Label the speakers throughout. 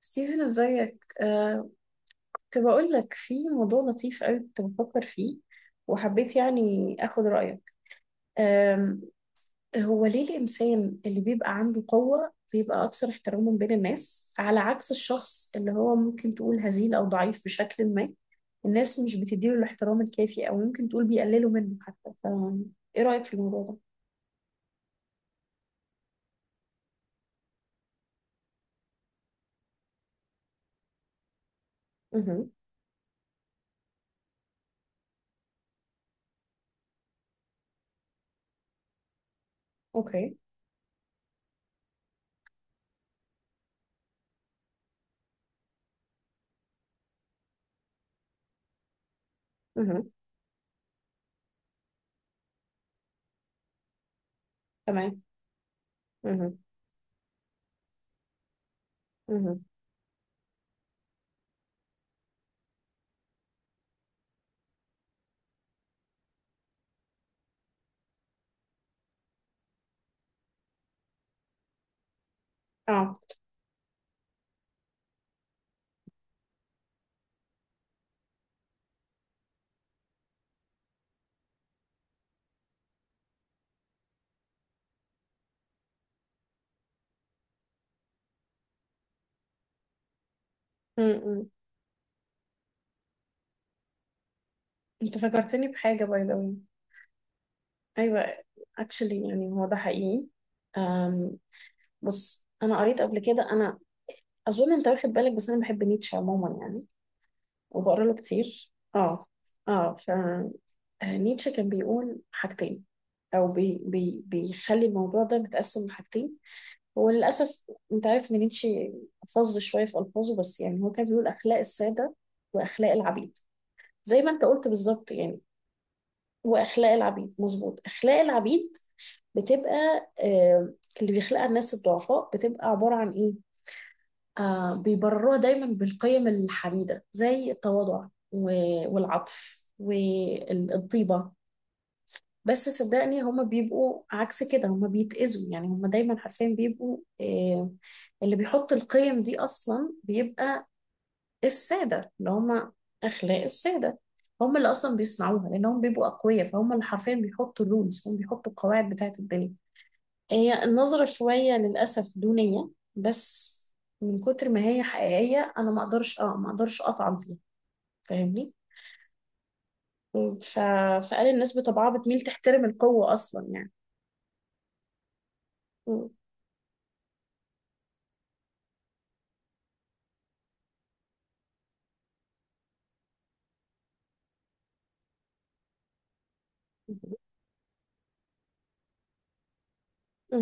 Speaker 1: ستيفن ازيك كنت بقول لك في موضوع لطيف قوي كنت بفكر فيه وحبيت يعني اخد رأيك. آم، هو ليه الإنسان اللي بيبقى عنده قوة بيبقى أكثر احتراما بين الناس على عكس الشخص اللي هو ممكن تقول هزيل أو ضعيف بشكل ما؟ الناس مش بتديله الاحترام الكافي أو ممكن تقول بيقللوا منه حتى إيه رأيك في الموضوع ده؟ اها. أوكي. اها. تمام. اها. اها. اه. م- م. أنت فكرتني بحاجة باي ذا واي. ايوه. اكشلي يعني هو ده حقيقي. أم بص انا قريت قبل كده. انا اظن انت واخد بالك، بس انا بحب نيتشه عموما يعني وبقرا له كتير. اه. اه. فنيتشه كان بيقول حاجتين، او بي بي بيخلي الموضوع ده متقسم لحاجتين. هو للاسف، انت عارف ان نيتشه فظ شويه في الفاظه، بس يعني هو كان بيقول اخلاق الساده واخلاق العبيد، زي ما انت قلت بالظبط يعني. واخلاق العبيد. مظبوط. اخلاق العبيد بتبقى، آه، اللي بيخلقها الناس الضعفاء بتبقى عبارة عن إيه؟ بيبرروها دايما بالقيم الحميدة زي التواضع والعطف والطيبة. بس صدقني هما بيبقوا عكس كده، هما بيتأذوا يعني، هما دايما حرفيا بيبقوا. اللي بيحط القيم دي أصلا بيبقى السادة، اللي هما أخلاق السادة هم اللي اصلا بيصنعوها لانهم بيبقوا اقوياء، فهم اللي حرفيا بيحطوا الرولز، هم بيحطوا القواعد بتاعه الدنيا. هي النظرة شوية للأسف دونية، بس من كتر ما هي حقيقية أنا ما أقدرش ما أقدرش أطعن فيها. فاهمني؟ ف... فقال الناس بطبعها بتميل تحترم القوة أصلا يعني. م-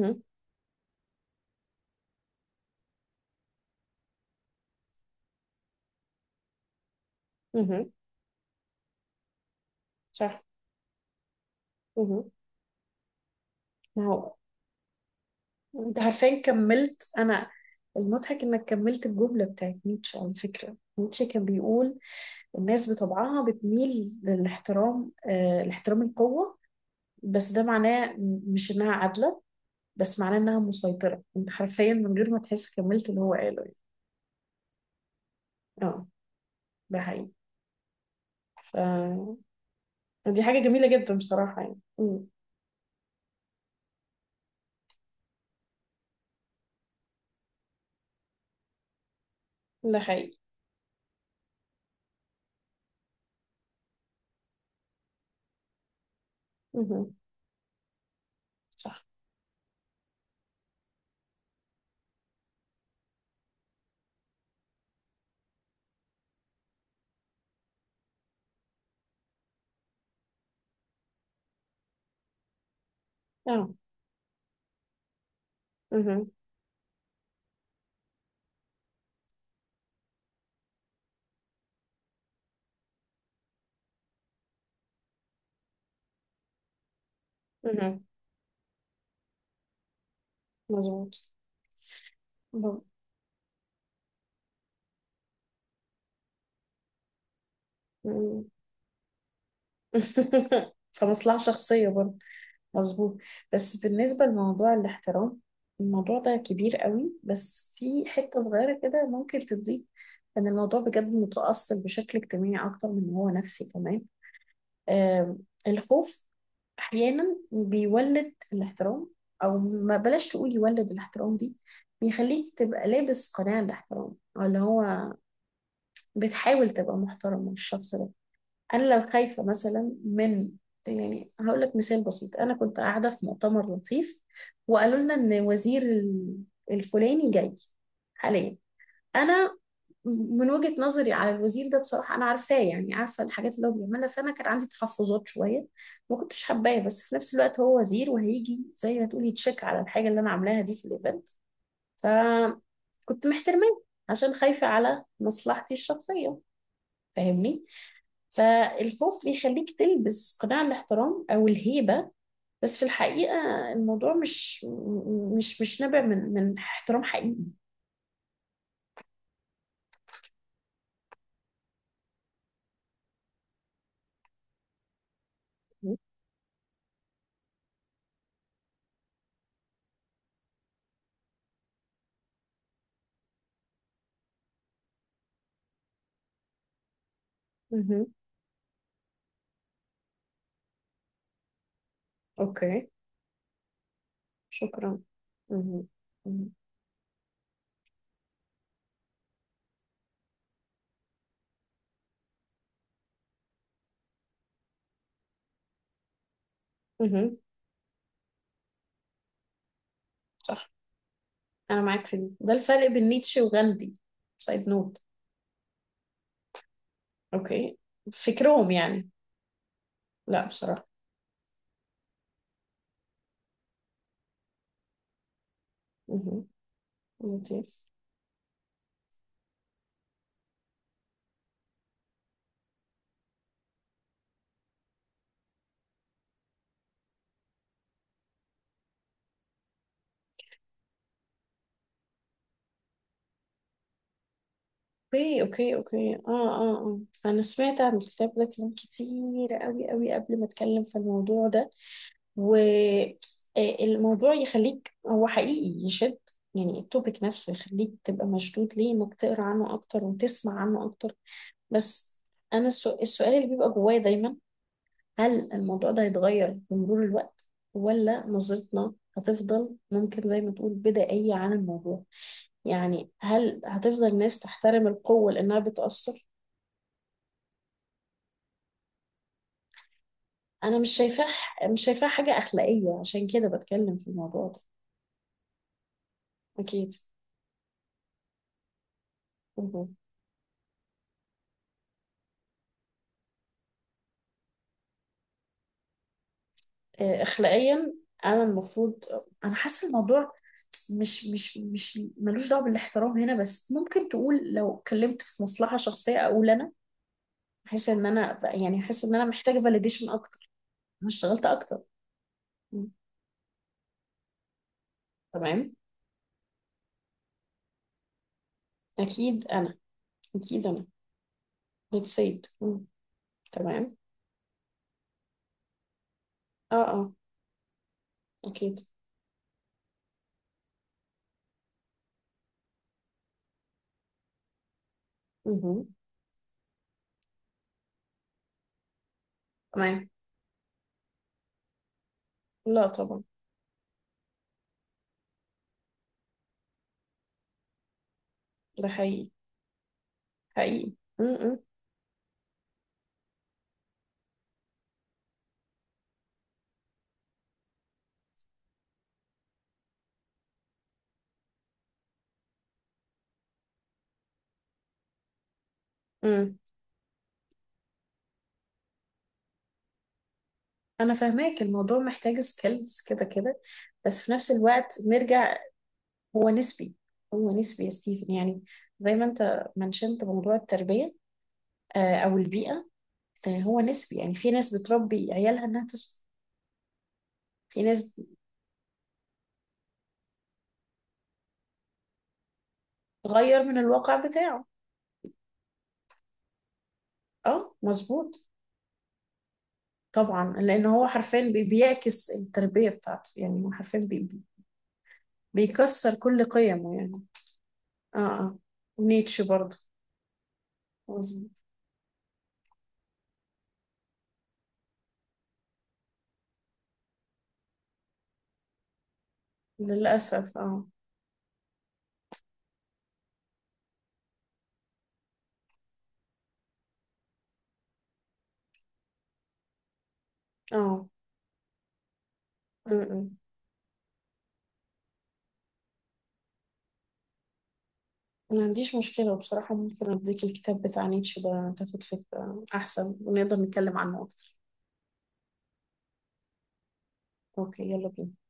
Speaker 1: مه. مه. صح. مه. ما هو. أنت عارفين كملت أنا. المضحك إنك كملت الجملة بتاعت نيتشه. على فكرة نيتشه كان بيقول الناس بطبعها بتميل للاحترام، لاحترام القوة. بس ده معناه مش إنها عادلة، بس معناه انها مسيطرة. انت حرفيا من غير ما تحس كملت اللي هو قاله يعني. اه. ده حقيقي. ف... دي حاجة جميلة جدا بصراحة يعني. مم. ده حقيقي. مهم. صح. اه. مهم. مهم. مظبوط. مم. مم. فمصلحة شخصية برضه. مظبوط. بس بالنسبة لموضوع الاحترام، الموضوع ده كبير قوي، بس في حتة صغيرة كده ممكن تضيف. ان الموضوع بجد متأصل بشكل اجتماعي اكتر من إن هو نفسي كمان. آم، الخوف احيانا بيولد الاحترام، او ما بلاش تقول يولد الاحترام دي، بيخليك تبقى لابس قناع الاحترام او اللي هو بتحاول تبقى محترم من الشخص ده. انا لو خايفه مثلا من، يعني هقول لك مثال بسيط. انا كنت قاعده في مؤتمر لطيف وقالوا لنا ان وزير الفلاني جاي حاليا. انا من وجهة نظري على الوزير ده بصراحة أنا عارفاه يعني، عارفة الحاجات اللي هو بيعملها، فأنا كان عندي تحفظات شوية. ما كنتش حباه، بس في نفس الوقت هو وزير وهيجي زي ما تقولي يتشيك على الحاجة اللي أنا عاملاها دي في الإيفنت. فكنت محترماه عشان خايفة على مصلحتي الشخصية، فاهمني. فالخوف بيخليك تلبس قناع الاحترام أو الهيبة، بس في الحقيقة الموضوع مش نابع من احترام حقيقي. مهم. اوكي. شكرا. مهم. مهم. مهم. صح. انا معاك في دي. ده الفرق بين نيتشه وغاندي، سايد نوت. اوكي. فكرهم يعني. لا بصراحة. مهم. لطيف. اوكي. اوكي. اوكي. اه. اه. اه. انا سمعت عن الكتاب ده كلام كتير قوي قوي قبل ما اتكلم في الموضوع ده. والموضوع يخليك، هو حقيقي يشد، يعني التوبيك نفسه يخليك تبقى مشدود ليه انك تقرا عنه اكتر وتسمع عنه اكتر. بس انا السؤال اللي بيبقى جوايا دايما، هل الموضوع ده هيتغير بمرور الوقت، ولا نظرتنا هتفضل ممكن زي ما تقول بدائية عن الموضوع، يعني هل هتفضل الناس تحترم القوة لأنها بتأثر؟ أنا مش شايفاه. مش شايفاه حاجة أخلاقية عشان كده بتكلم في الموضوع ده. أكيد. مهم. أخلاقيا أنا المفروض، أنا حاسة الموضوع مش مش مش ملوش دعوة بالاحترام هنا، بس ممكن تقول لو اتكلمت في مصلحة شخصية أقول أنا احس ان انا محتاجه فاليديشن اكتر. انا اشتغلت اكتر. مم. تمام. اكيد انا. اكيد انا. بتسيد. مم. تمام. اه. اه. اكيد. مهم. تمام. لا طبعا. ده حقيقي. حقيقي. مم. مم. انا فاهماك، الموضوع محتاج سكيلز كده كده. بس في نفس الوقت نرجع، هو نسبي. هو نسبي يا ستيفن يعني، زي ما انت منشنت موضوع التربية، او البيئة، هو نسبي يعني. في ناس بتربي عيالها انها تسكت. في ناس بتغير من الواقع بتاعه. اه مظبوط. طبعا لان هو حرفيا بيعكس التربيه بتاعته يعني، هو حرفيا بيكسر كل قيمه يعني. اه. اه. نيتشه برضه. مظبوط. للاسف اه. اه. م. ما عنديش مشكله بصراحه، ممكن اديك الكتاب بتاع نيتشه ده تاخد فكره احسن ونقدر نتكلم عنه اكتر. اوكي يلا بينا.